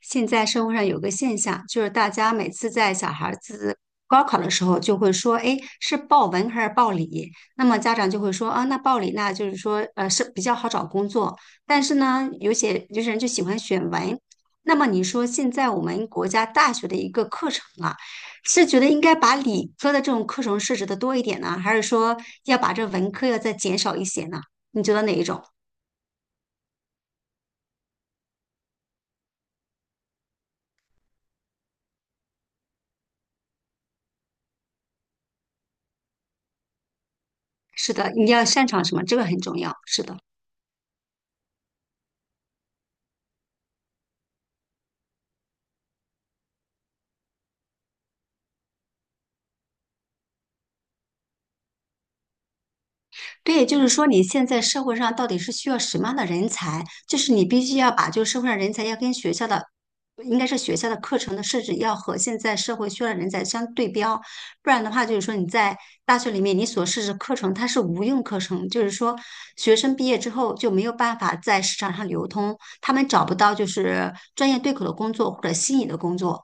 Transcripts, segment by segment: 现在社会上有个现象，就是大家每次在小孩子高考的时候，就会说，哎，是报文还是报理？那么家长就会说，啊，那报理那就是说，是比较好找工作。但是呢，有些人就喜欢选文。那么你说，现在我们国家大学的一个课程啊，是觉得应该把理科的这种课程设置的多一点呢，还是说要把这文科要再减少一些呢？你觉得哪一种？是的，你要擅长什么？这个很重要。是的。对，就是说你现在社会上到底是需要什么样的人才？就是你必须要把就是社会上人才要跟学校的，应该是学校的课程的设置要和现在社会需要的人才相对标，不然的话就是说你在大学里面你所设置课程它是无用课程，就是说学生毕业之后就没有办法在市场上流通，他们找不到就是专业对口的工作或者心仪的工作。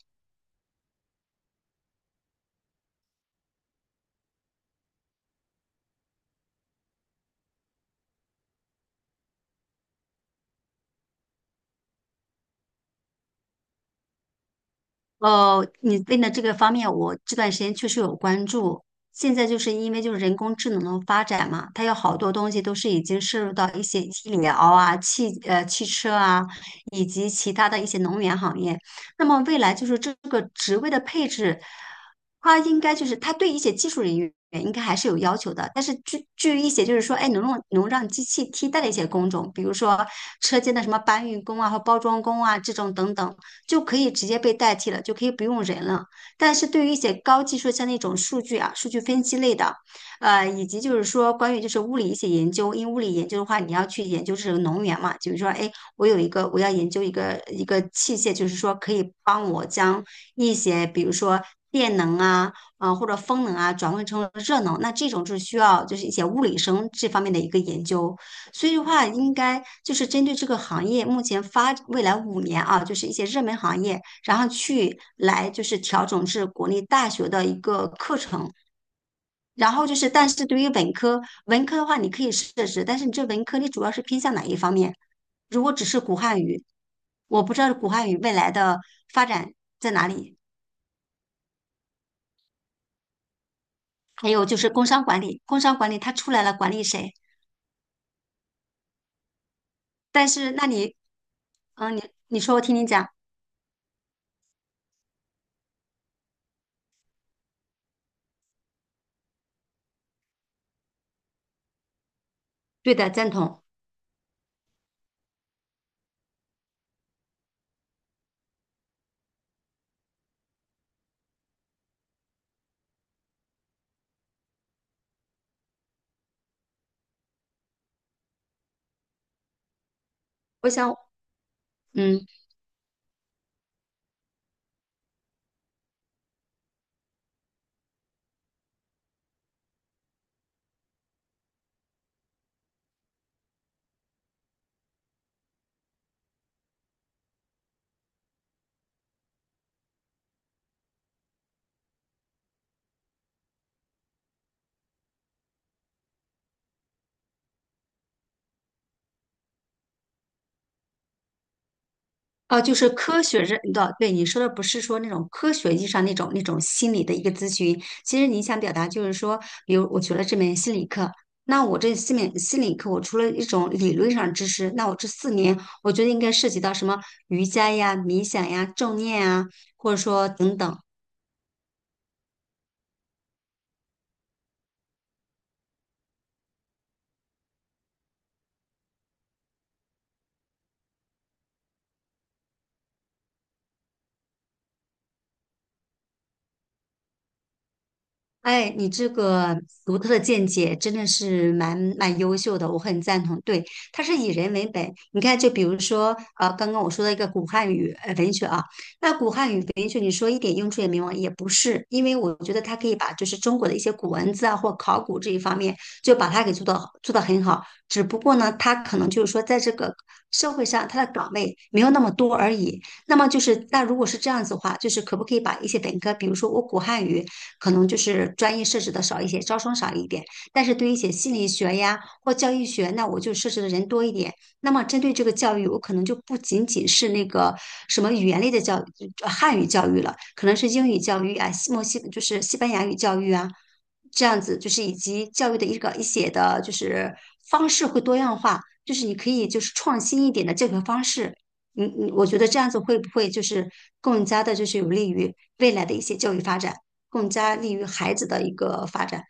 你问的这个方面，我这段时间确实有关注。现在就是因为就是人工智能的发展嘛，它有好多东西都是已经涉入到一些医疗啊、汽车啊，以及其他的一些能源行业。那么未来就是这个职位的配置，它应该就是它对一些技术人员应该还是有要求的。但是据一些就是说，哎，能让机器替代的一些工种，比如说车间的什么搬运工啊和包装工啊这种等等。就可以直接被代替了，就可以不用人了。但是对于一些高技术，像那种数据啊、数据分析类的，以及就是说关于就是物理一些研究，因为物理研究的话，你要去研究这个能源嘛，就是说，哎，我有一个我要研究一个器械，就是说可以帮我将一些比如说电能啊。啊、或者风能啊，转换成了热能，那这种就是需要就是一些物理生这方面的一个研究。所以的话，应该就是针对这个行业目前未来5年啊，就是一些热门行业，然后去来就是调整至国内大学的一个课程。然后就是，但是对于文科，文科的话你可以设置，但是你这文科你主要是偏向哪一方面？如果只是古汉语，我不知道古汉语未来的发展在哪里。还有就是工商管理，工商管理它出来了，管理谁？但是那你，嗯，你你说我听你讲，对的，赞同。我想，嗯。哦，就是科学认的，对你说的不是说那种科学意义上那种那种心理的一个咨询。其实你想表达就是说，比如我学了这门心理课，那我这四门心理课，我除了一种理论上知识，那我这四年，我觉得应该涉及到什么瑜伽呀、冥想呀、正念啊，或者说等等。哎，你这个独特的见解真的是蛮优秀的，我很赞同。对，它是以人为本。你看，就比如说，刚刚我说的一个古汉语文学啊，那古汉语文学你说一点用处也没有吗也不是，因为我觉得它可以把就是中国的一些古文字啊或考古这一方面，就把它给做到很好。只不过呢，它可能就是说在这个社会上它的岗位没有那么多而已。那么就是，那如果是这样子的话，就是可不可以把一些本科，比如说我古汉语。可能就是专业设置的少一些，招生少一点。但是对于一些心理学呀或教育学，那我就设置的人多一点。那么针对这个教育，我可能就不仅仅是那个什么语言类的教育，汉语教育了，可能是英语教育啊，西墨西就是西班牙语教育啊，这样子就是以及教育的一个一些的，就是方式会多样化，就是你可以就是创新一点的教学方式。嗯嗯，我觉得这样子会不会就是更加的，就是有利于未来的一些教育发展？更加利于孩子的一个发展。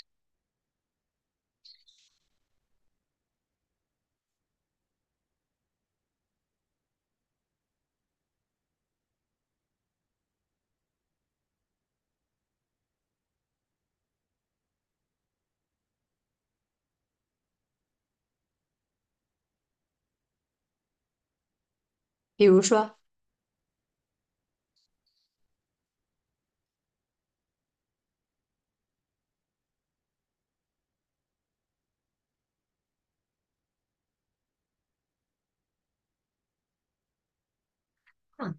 比如说，嗯，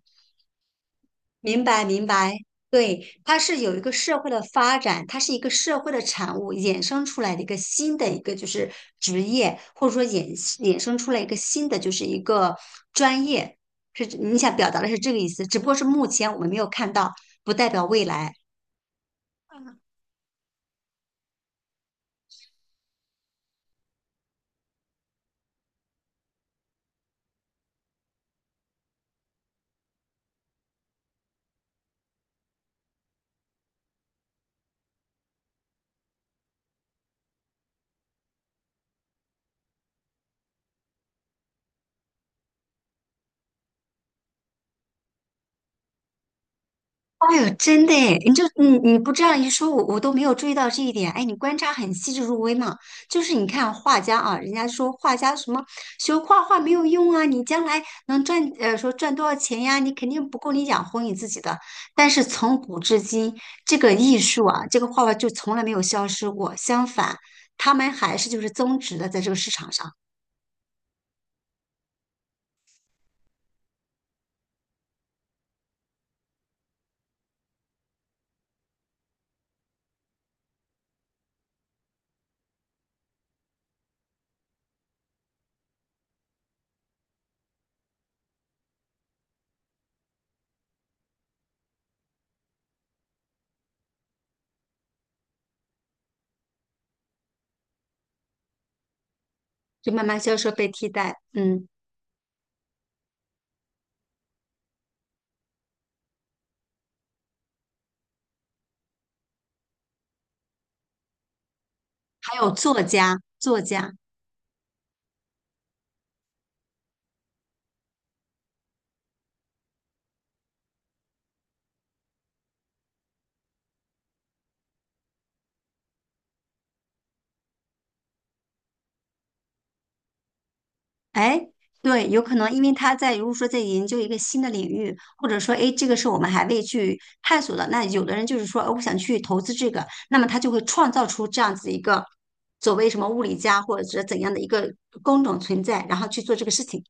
明白，对，它是有一个社会的发展，它是一个社会的产物衍生出来的一个新的一个就是职业，或者说衍生出来一个新的就是一个专业，是你想表达的是这个意思，只不过是目前我们没有看到，不代表未来。哎呦，真的诶，你就你不这样一说，我都没有注意到这一点。哎，你观察很细致入微嘛。就是你看画家啊，人家说画家什么学画画没有用啊，你将来能赚说赚多少钱呀？你肯定不够你养活你自己的。但是从古至今，这个艺术啊，这个画画就从来没有消失过，相反，他们还是就是增值的，在这个市场上就慢慢消失被替代。嗯，还有作家，作家。哎，对，有可能，因为他在如果说在研究一个新的领域，或者说，哎，这个是我们还未去探索的，那有的人就是说，我想去投资这个，那么他就会创造出这样子一个所谓什么物理家或者是怎样的一个工种存在，然后去做这个事情。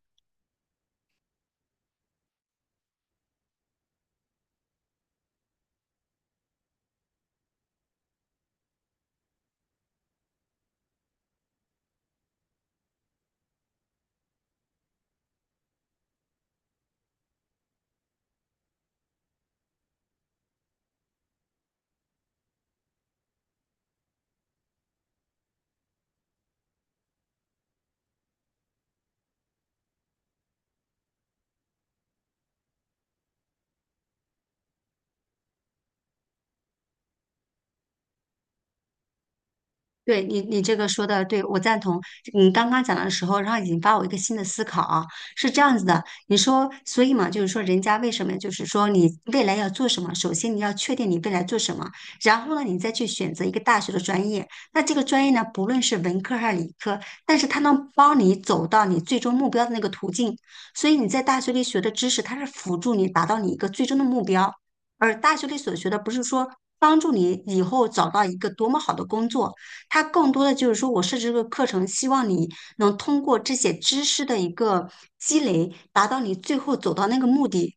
你这个说的对，我赞同。你刚刚讲的时候，然后引发我一个新的思考啊，是这样子的。你说，所以嘛，就是说，人家为什么就是说你未来要做什么，首先你要确定你未来做什么，然后呢，你再去选择一个大学的专业。那这个专业呢，不论是文科还是理科，但是它能帮你走到你最终目标的那个途径。所以你在大学里学的知识，它是辅助你达到你一个最终的目标，而大学里所学的不是说。帮助你以后找到一个多么好的工作，它更多的就是说我设置这个课程，希望你能通过这些知识的一个积累，达到你最后走到那个目的，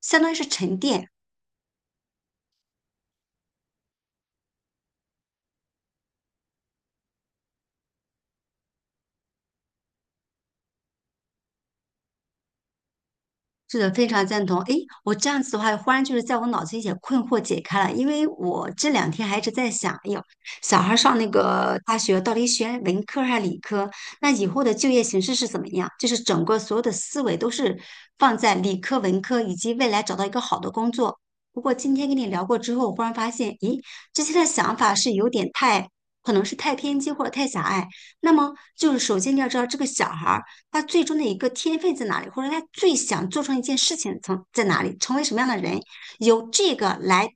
相当于是沉淀。是的，非常赞同。诶，我这样子的话，忽然就是在我脑子一些困惑解开了，因为我这两天还一直在想，哎呦，小孩上那个大学到底选文科还是理科？那以后的就业形势是怎么样？就是整个所有的思维都是放在理科、文科以及未来找到一个好的工作。不过今天跟你聊过之后，我忽然发现，咦，之前的想法是有点太，可能是太偏激或者太狭隘。那么就是首先你要知道这个小孩。儿。他最终的一个天分在哪里，或者他最想做成一件事情从在哪里，成为什么样的人，由这个来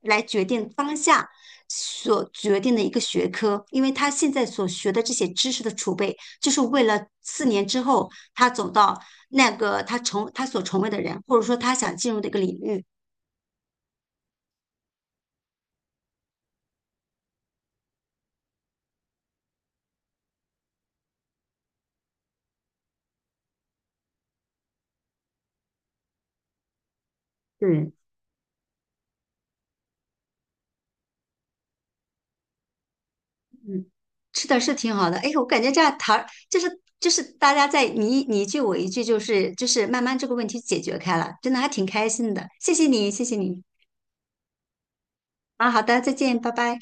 决定当下所决定的一个学科，因为他现在所学的这些知识的储备，就是为了四年之后他走到那个他所成为的人，或者说他想进入的一个领域。对。嗯，吃的，是挺好的。哎，我感觉这样谈，就是就是大家在你一句我一句，就是就是慢慢这个问题解决开了，真的还挺开心的。谢谢你，谢谢你。啊，好的，再见，拜拜。